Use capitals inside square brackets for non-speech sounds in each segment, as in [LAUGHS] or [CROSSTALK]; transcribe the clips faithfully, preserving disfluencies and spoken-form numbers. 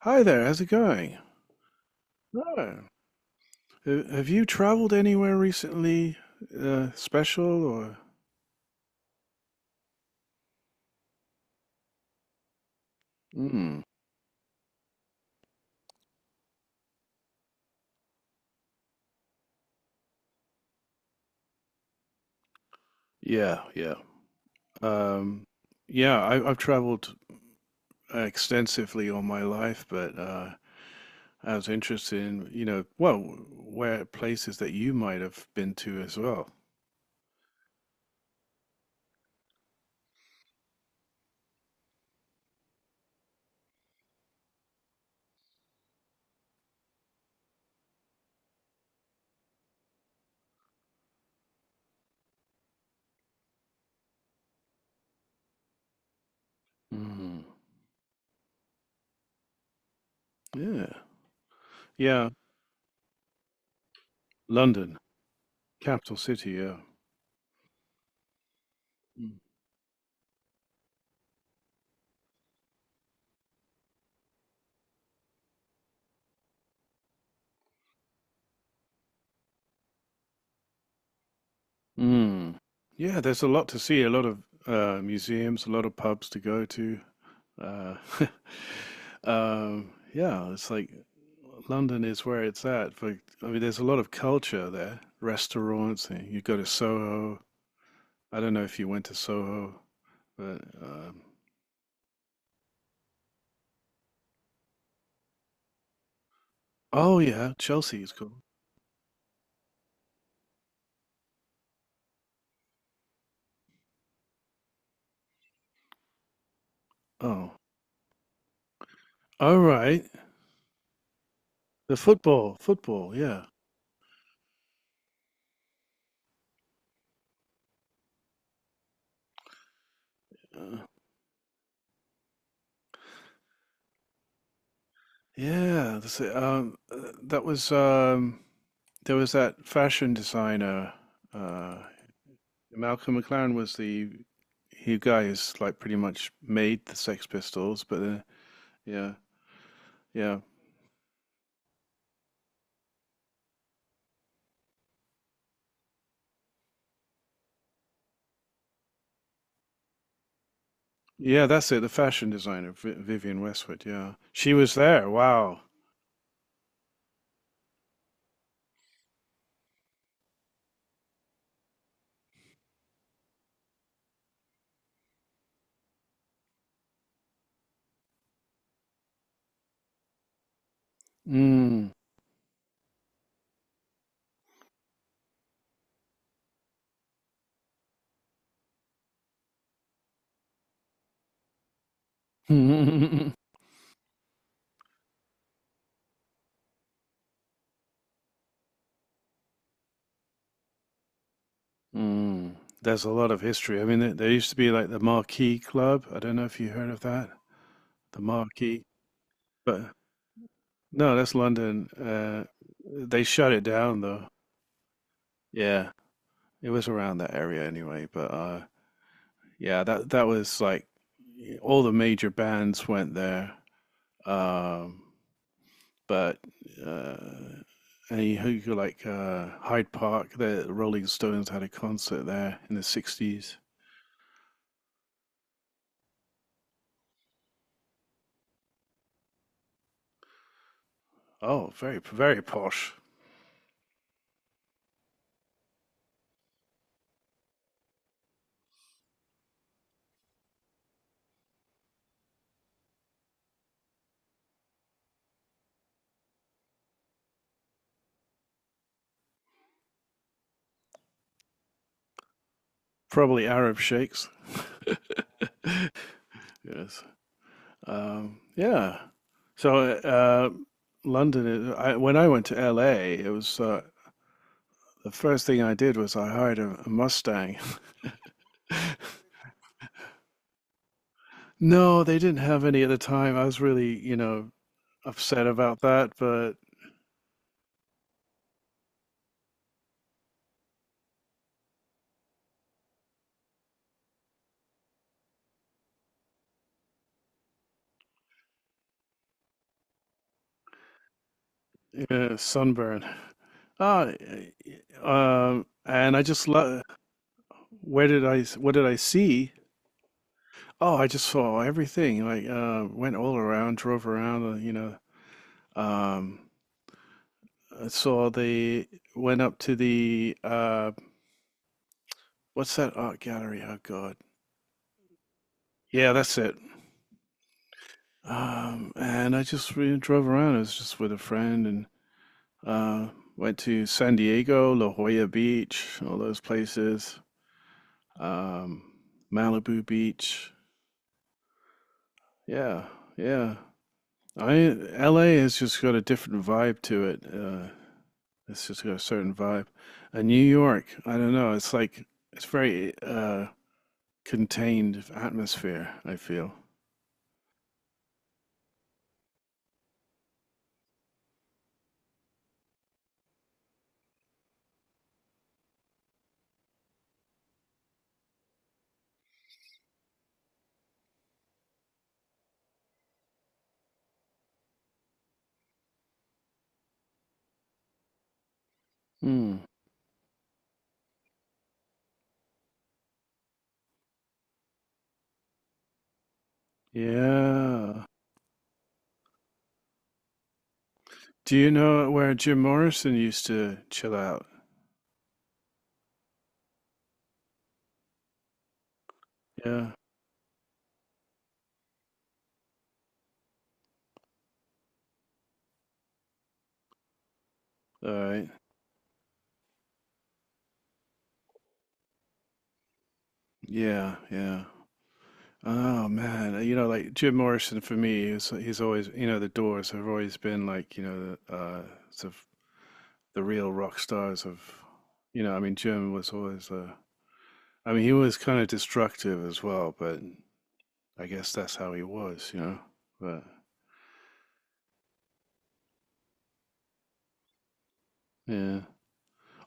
Hi there, how's it going? Oh, ha- have you traveled anywhere recently, uh, special or? Mm, yeah, yeah. Um, yeah, I, I've traveled extensively all my life, but uh, I was interested in, you know, well, where places that you might have been to as well. Mm, yeah, yeah. London, capital city. Yeah. Mm. Mm. Yeah, there's a lot to see, a lot of uh, museums, a lot of pubs to go to. Uh, [LAUGHS] um, yeah, it's like London is where it's at. For I mean, there's a lot of culture there. Restaurants, and you go to Soho. I don't know if you went to Soho, but um, oh yeah, Chelsea is cool. Oh, all right. The football, football. Yeah, uh, yeah. That's it. Um, uh, that was um, There was that fashion designer. Uh, Malcolm McLaren was the he guy who's like pretty much made the Sex Pistols, but uh, yeah, yeah, yeah. That's it. The fashion designer, Vi Vivian Westwood. Yeah, she was there. Wow. Mm. [LAUGHS] Mm. There's a lot of history. I mean, there, there used to be like the Marquee Club. I don't know if you heard of that. The Marquee, but no, that's London. Uh, they shut it down though. Yeah, it was around that area anyway. But uh, yeah, that that was like all the major bands went there. Um, but uh, and you you go like uh, Hyde Park, the Rolling Stones had a concert there in the sixties. Oh, very very posh. Probably Arab sheikhs. [LAUGHS] Yes. Um, yeah. So uh, London. Uh, I, when I went to L A, it was uh, the first thing I did was I hired a, a Mustang. [LAUGHS] No, they didn't have any at the time. I was really, you know, upset about that, but yeah, sunburn. Ah, um, and I just love. Where did I What did I see? Oh, I just saw everything. Like, uh, went all around, drove around. Uh, You know, um, I saw the Went up to the uh, what's that art gallery? Oh God, yeah, that's it. Um, and I just really drove around. I was just with a friend and uh, went to San Diego, La Jolla Beach, all those places, um, Malibu Beach. Yeah, yeah. I L A has just got a different vibe to it. Uh, it's just got a certain vibe. And New York, I don't know. It's like it's very uh, contained atmosphere. I feel. Hmm. Yeah. Do you know where Jim Morrison used to chill out? Yeah. All right. Yeah. Yeah. Oh man, you know, like Jim Morrison for me, he's he's always, you know, the Doors have always been like, you know, the uh, sort of the real rock stars of, you know, I mean, Jim was always, uh, I mean, he was kind of destructive as well, but I guess that's how he was, you know. But yeah,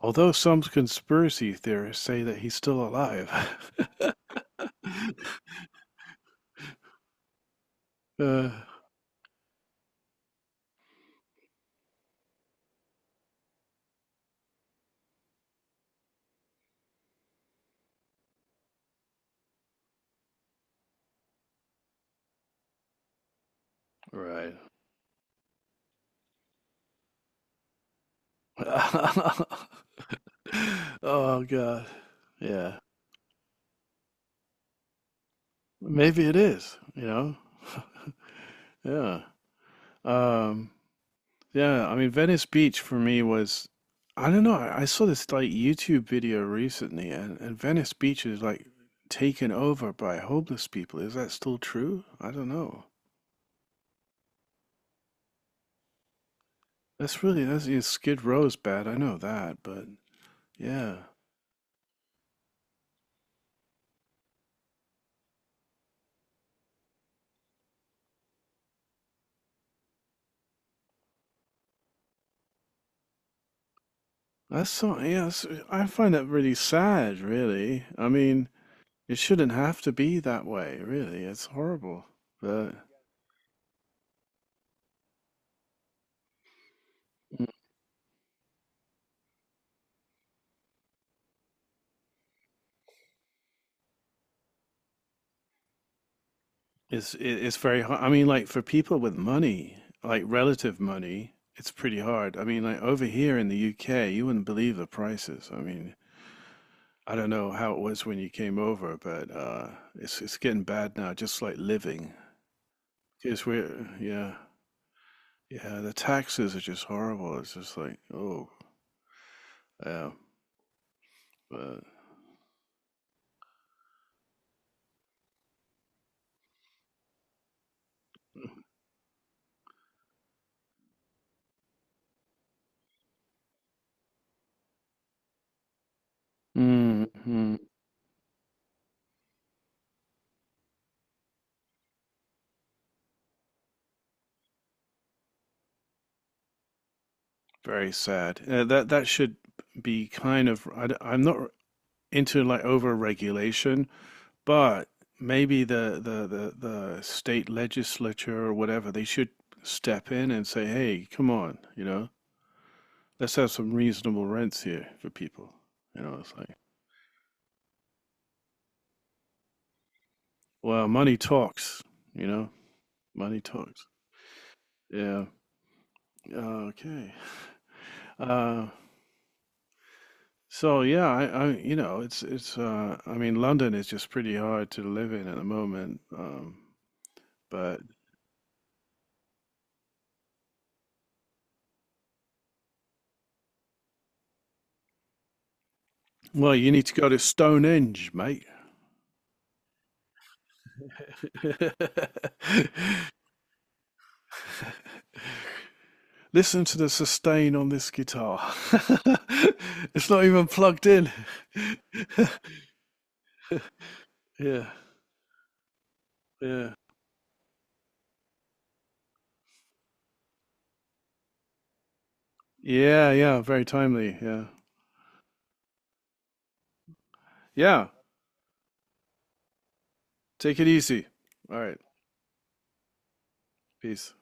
although some conspiracy theorists say that he's still alive. [LAUGHS] Uh, right. [LAUGHS] Oh God. Yeah. Maybe it is, you know. [LAUGHS] Yeah. Um, yeah, I mean Venice Beach for me was I don't know, I, I saw this like YouTube video recently and, and Venice Beach is like taken over by homeless people. Is that still true? I don't know. That's really that's yeah, Skid Row's bad, I know that, but yeah. That's so yeah, it's- I find that really sad, really. I mean, it shouldn't have to be that way, really. It's horrible. But It's it- it's very hard. I mean, like for people with money, like relative money, it's pretty hard. I mean, like over here in the U K, you wouldn't believe the prices. I mean, I don't know how it was when you came over, but uh, it's it's getting bad now. Just like living, because we're yeah yeah the taxes are just horrible. It's just like oh yeah, but mm-hmm. Very sad. Uh, that that should be kind of I, am not into like over regulation. But maybe the, the, the, the state legislature or whatever, they should step in and say, hey, come on, you know, let's have some reasonable rents here for people. You know, it's like, well, money talks, you know, money talks. Yeah. Okay. Uh, so yeah, I, I, you know, it's, it's, uh, I mean, London is just pretty hard to live in at the moment. Um, but Well, you need to go to Stonehenge, mate. [LAUGHS] Listen to the sustain on this guitar. [LAUGHS] It's not even plugged in. [LAUGHS] Yeah, yeah. Yeah, yeah, very timely. Yeah. Yeah, take it easy. All right, peace.